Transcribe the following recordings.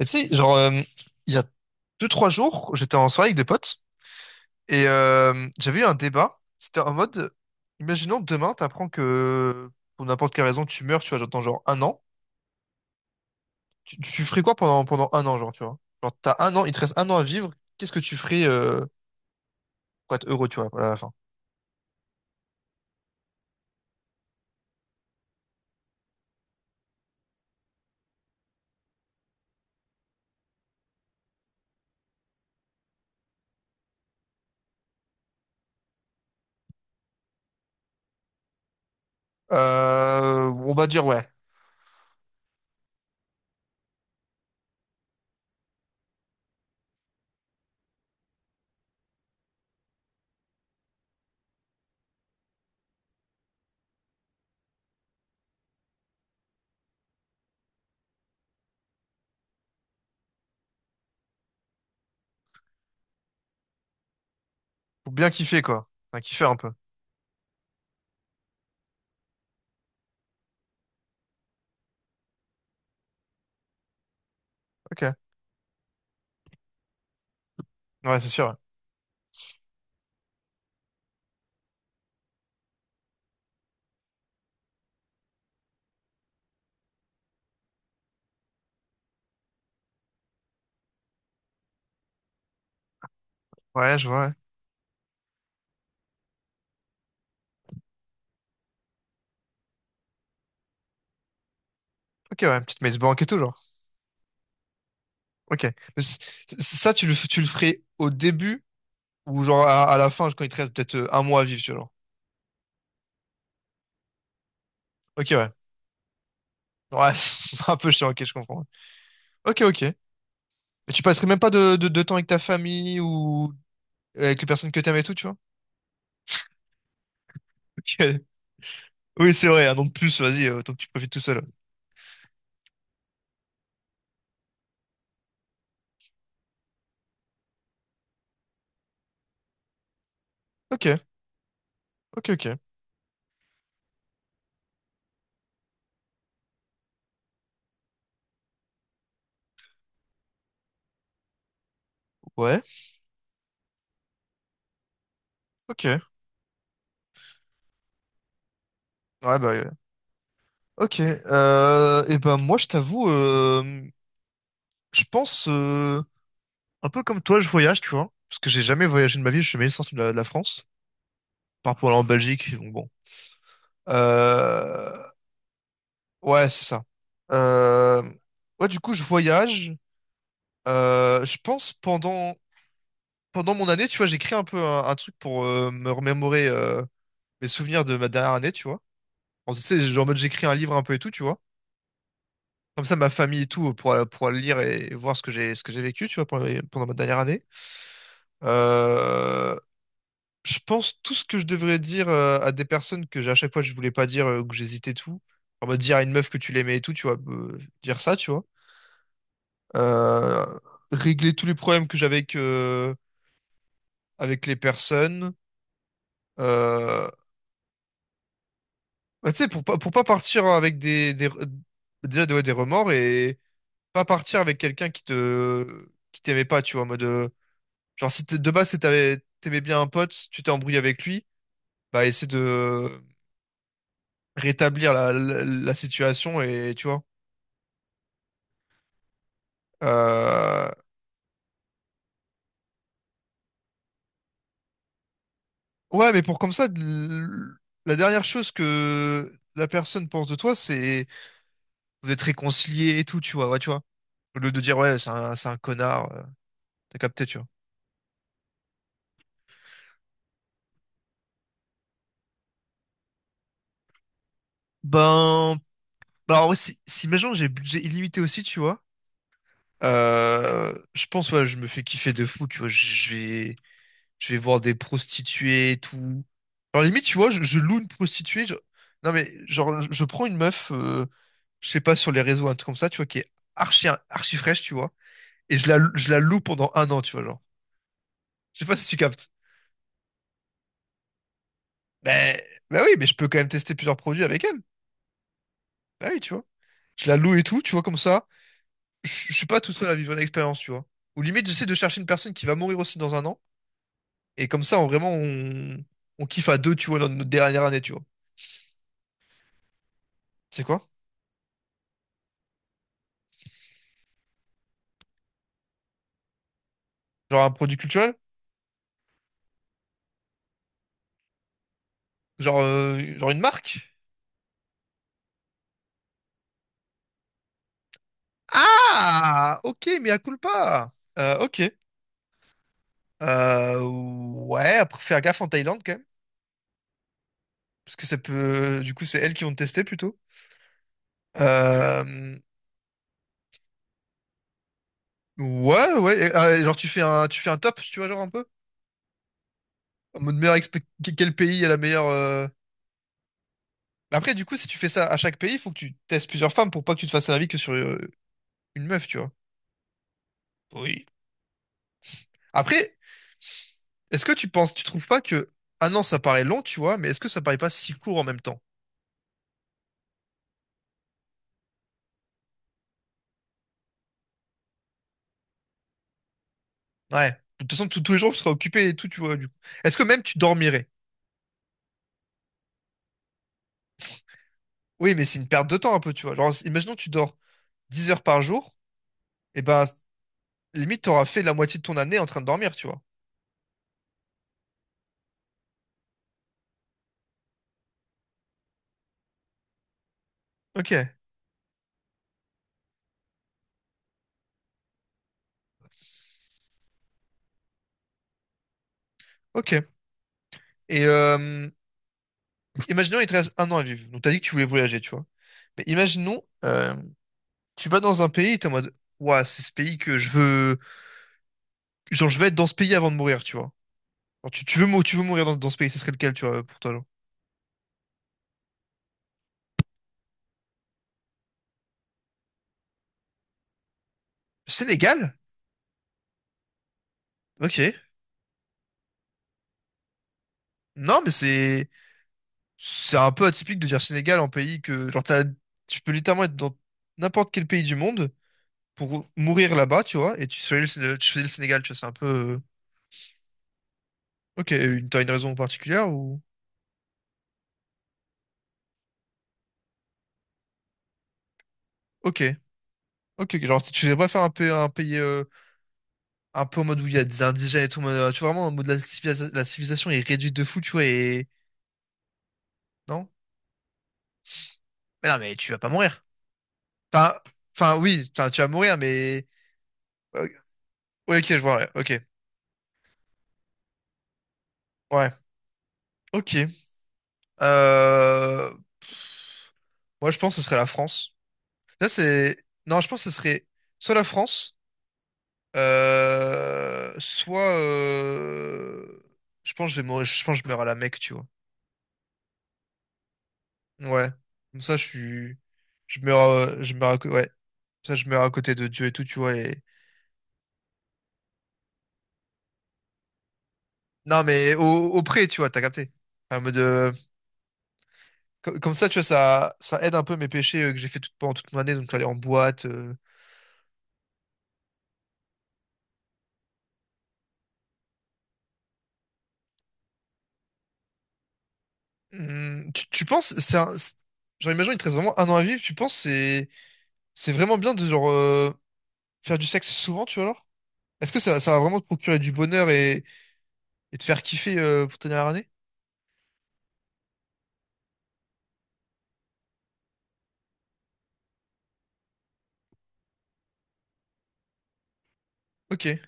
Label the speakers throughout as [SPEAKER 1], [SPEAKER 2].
[SPEAKER 1] Et tu sais, genre, il y a deux, trois jours, j'étais en soirée avec des potes et j'avais eu un débat. C'était en mode, imaginons demain, t'apprends que pour n'importe quelle raison, tu meurs, tu vois, genre, dans genre un an. Tu ferais quoi pendant un an, genre, tu vois? Genre, t'as un an, il te reste un an à vivre. Qu'est-ce que tu ferais pour être heureux, tu vois, à la fin? On va dire, ouais, pour bien kiffer, quoi. Enfin, kiffer un peu. Ok. Ouais, c'est sûr. Ouais, je vois. Ouais. Ok, ouais, petite mess banque et tout, genre. Ok. Mais ça, tu le ferais au début ou genre à la fin, quand il te reste peut-être un mois à vivre, tu vois. Genre. Ok, ouais. Ouais, c'est un peu chiant, ok, je comprends. Ok, ok. Et tu passerais même pas de temps avec ta famille ou avec les personnes que t'aimes et tout, tu vois? Ok. Oui, c'est vrai, un an de plus, vas-y, autant que tu profites tout seul. Ok, ok, ok. Ouais, ok. Ouais, bah, ouais. Ok. Et ben, moi, je t'avoue, je pense, un peu comme toi, je voyage, tu vois. Parce que j'ai jamais voyagé de ma vie, je suis jamais sorti de la France. Par rapport à en Belgique, donc bon. Euh, Ouais, c'est ça. Euh, Ouais, du coup, je voyage. Je pense pendant mon année, tu vois, j'écris un peu un truc pour me remémorer mes souvenirs de ma dernière année, tu vois. Tu sais, genre, en mode j'écris un livre un peu et tout, tu vois. Comme ça, ma famille et tout pour le lire et voir ce que j'ai vécu, tu vois, pendant ma dernière année. Euh, je pense tout ce que je devrais dire à des personnes à chaque fois je voulais pas dire, que j'hésitais tout. En mode dire à une meuf que tu l'aimais et tout, tu vois, dire ça, tu vois. euh, Régler tous les problèmes que j'avais avec les personnes. Euh, Bah, tu sais, pour pas partir avec déjà, ouais, des remords et pas partir avec quelqu'un qui t'aimait pas, tu vois, en mode, genre, si t'es- de base, t'aimais bien un pote, tu t'es embrouillé avec lui, bah, essaie de rétablir la situation et, tu vois. Euh, ouais, mais pour comme ça, la dernière chose que la personne pense de toi, c'est vous êtes réconciliés et tout, tu vois, ouais, tu vois. Au lieu de dire, ouais, c'est un connard, t'as capté, tu vois. Ben, bah, alors, ouais, si imaginons que j'ai budget illimité aussi, tu vois, je pense, ouais, je me fais kiffer de fou, tu vois, je vais voir des prostituées et tout. Alors, limite, tu vois, je loue une prostituée, non, mais, genre, je prends une meuf, je sais pas, sur les réseaux, un truc comme ça, tu vois, qui est archi fraîche, tu vois, et je la loue pendant un an, tu vois, genre. Je sais pas si tu captes. Ben, ben oui, mais je peux quand même tester plusieurs produits avec elle. Ah oui, tu vois. Je la loue et tout, tu vois, comme ça. Je suis pas tout seul à vivre l'expérience, tu vois. Ou limite, j'essaie de chercher une personne qui va mourir aussi dans un an. Et comme ça, on, vraiment, on kiffe à deux, tu vois, notre dernière année, tu vois. C'est quoi? Genre un produit culturel? Genre, genre une marque? Ah! Ok, mais à culpa! Ok. Ouais, après, faire gaffe en Thaïlande, quand même. Parce que ça peut... Du coup, c'est elles qui vont te tester, plutôt. Euh, ouais, ouais. Et, genre, tu fais un top, tu vois, genre un peu? En mode meilleur quel pays a la meilleure. Mais après, du coup, si tu fais ça à chaque pays, il faut que tu testes plusieurs femmes pour pas que tu te fasses un avis que sur une meuf, tu vois. Oui. Après, est-ce que tu penses, tu trouves pas que. Ah non, ça paraît long, tu vois, mais est-ce que ça paraît pas si court en même temps? Ouais. De toute façon, tous les jours, tu seras occupé et tout, tu vois, du coup. Est-ce que même tu dormirais? Oui, mais c'est une perte de temps un peu, tu vois. Genre, imaginons que tu dors 10 heures par jour, et ben, limite, t'auras fait la moitié de ton année en train de dormir, tu vois. Ok, ok. Et imaginons, il te reste un an à vivre. Donc, t'as dit que tu voulais voyager, tu vois. Mais imaginons, tu vas dans un pays et t'es en mode, Ouah, c'est ce pays que je veux. Genre, je veux être dans ce pays avant de mourir, tu vois. Genre, tu veux mourir dans ce pays, ce serait lequel, tu vois, pour toi, genre? Le Sénégal? Ok. Non, mais c'est. C'est un peu atypique de dire Sénégal en pays que. Genre, tu peux littéralement être dans n'importe quel pays du monde pour mourir là-bas, tu vois, et tu choisis le Sénégal, tu vois, c'est un peu. Ok, t'as une raison particulière ou. Ok. Ok, genre, tu voudrais pas faire un pays. Un peu en mode où il y a des indigènes et tout, en tu vois, vraiment en mode la civilisation est réduite de fou, tu vois, et non? Mais non, mais tu vas pas mourir. Enfin, enfin oui, enfin, tu vas mourir, mais... euh, ouais, ok, je vois, ouais, ok. Ouais, ok. Euh... pff, Moi, je pense que ce serait la France. Là, c'est... Non, je pense que ce serait soit la France, soit... je pense que je vais mourir, je pense que je meurs à la Mecque, tu vois. Ouais. Comme ça, je suis... Je meurs... Ouais. Ça, je meurs à côté de Dieu et tout, tu vois. Et... Non, mais au pré, tu vois, t'as capté. En mode, comme ça, tu vois, ça aide un peu mes péchés que j'ai fait toute, pendant toute mon année, donc aller en boîte. Tu penses, genre, imagine, il te reste vraiment un an à vivre, tu penses, c'est vraiment bien de, genre, faire du sexe souvent, tu vois, alors? Est-ce que ça va vraiment te procurer du bonheur et te faire kiffer pour ta dernière année? Ok.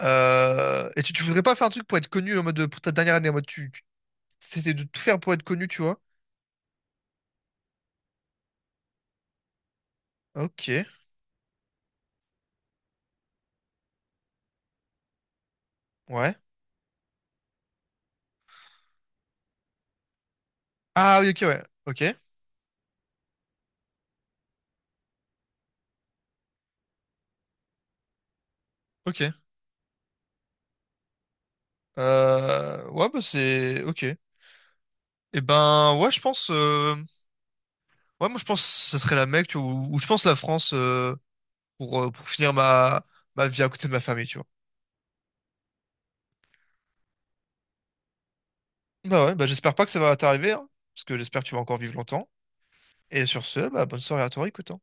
[SPEAKER 1] Et tu voudrais pas faire un truc pour être connu en mode, pour ta dernière année, en mode, tu t'essaies de tout faire pour être connu, tu vois? Ok. Ouais. Ah oui, ok, ouais. Ok, ok. Ouais, bah c'est... Ok. Et ben, ouais, je pense... Ouais, moi, je pense que ça serait la Mecque, tu vois, ou je pense la France pour finir ma vie à côté de ma famille, tu vois. Bah ouais, bah j'espère pas que ça va t'arriver, hein, parce que j'espère que tu vas encore vivre longtemps. Et sur ce, bah bonne soirée à toi, écoute. Hein.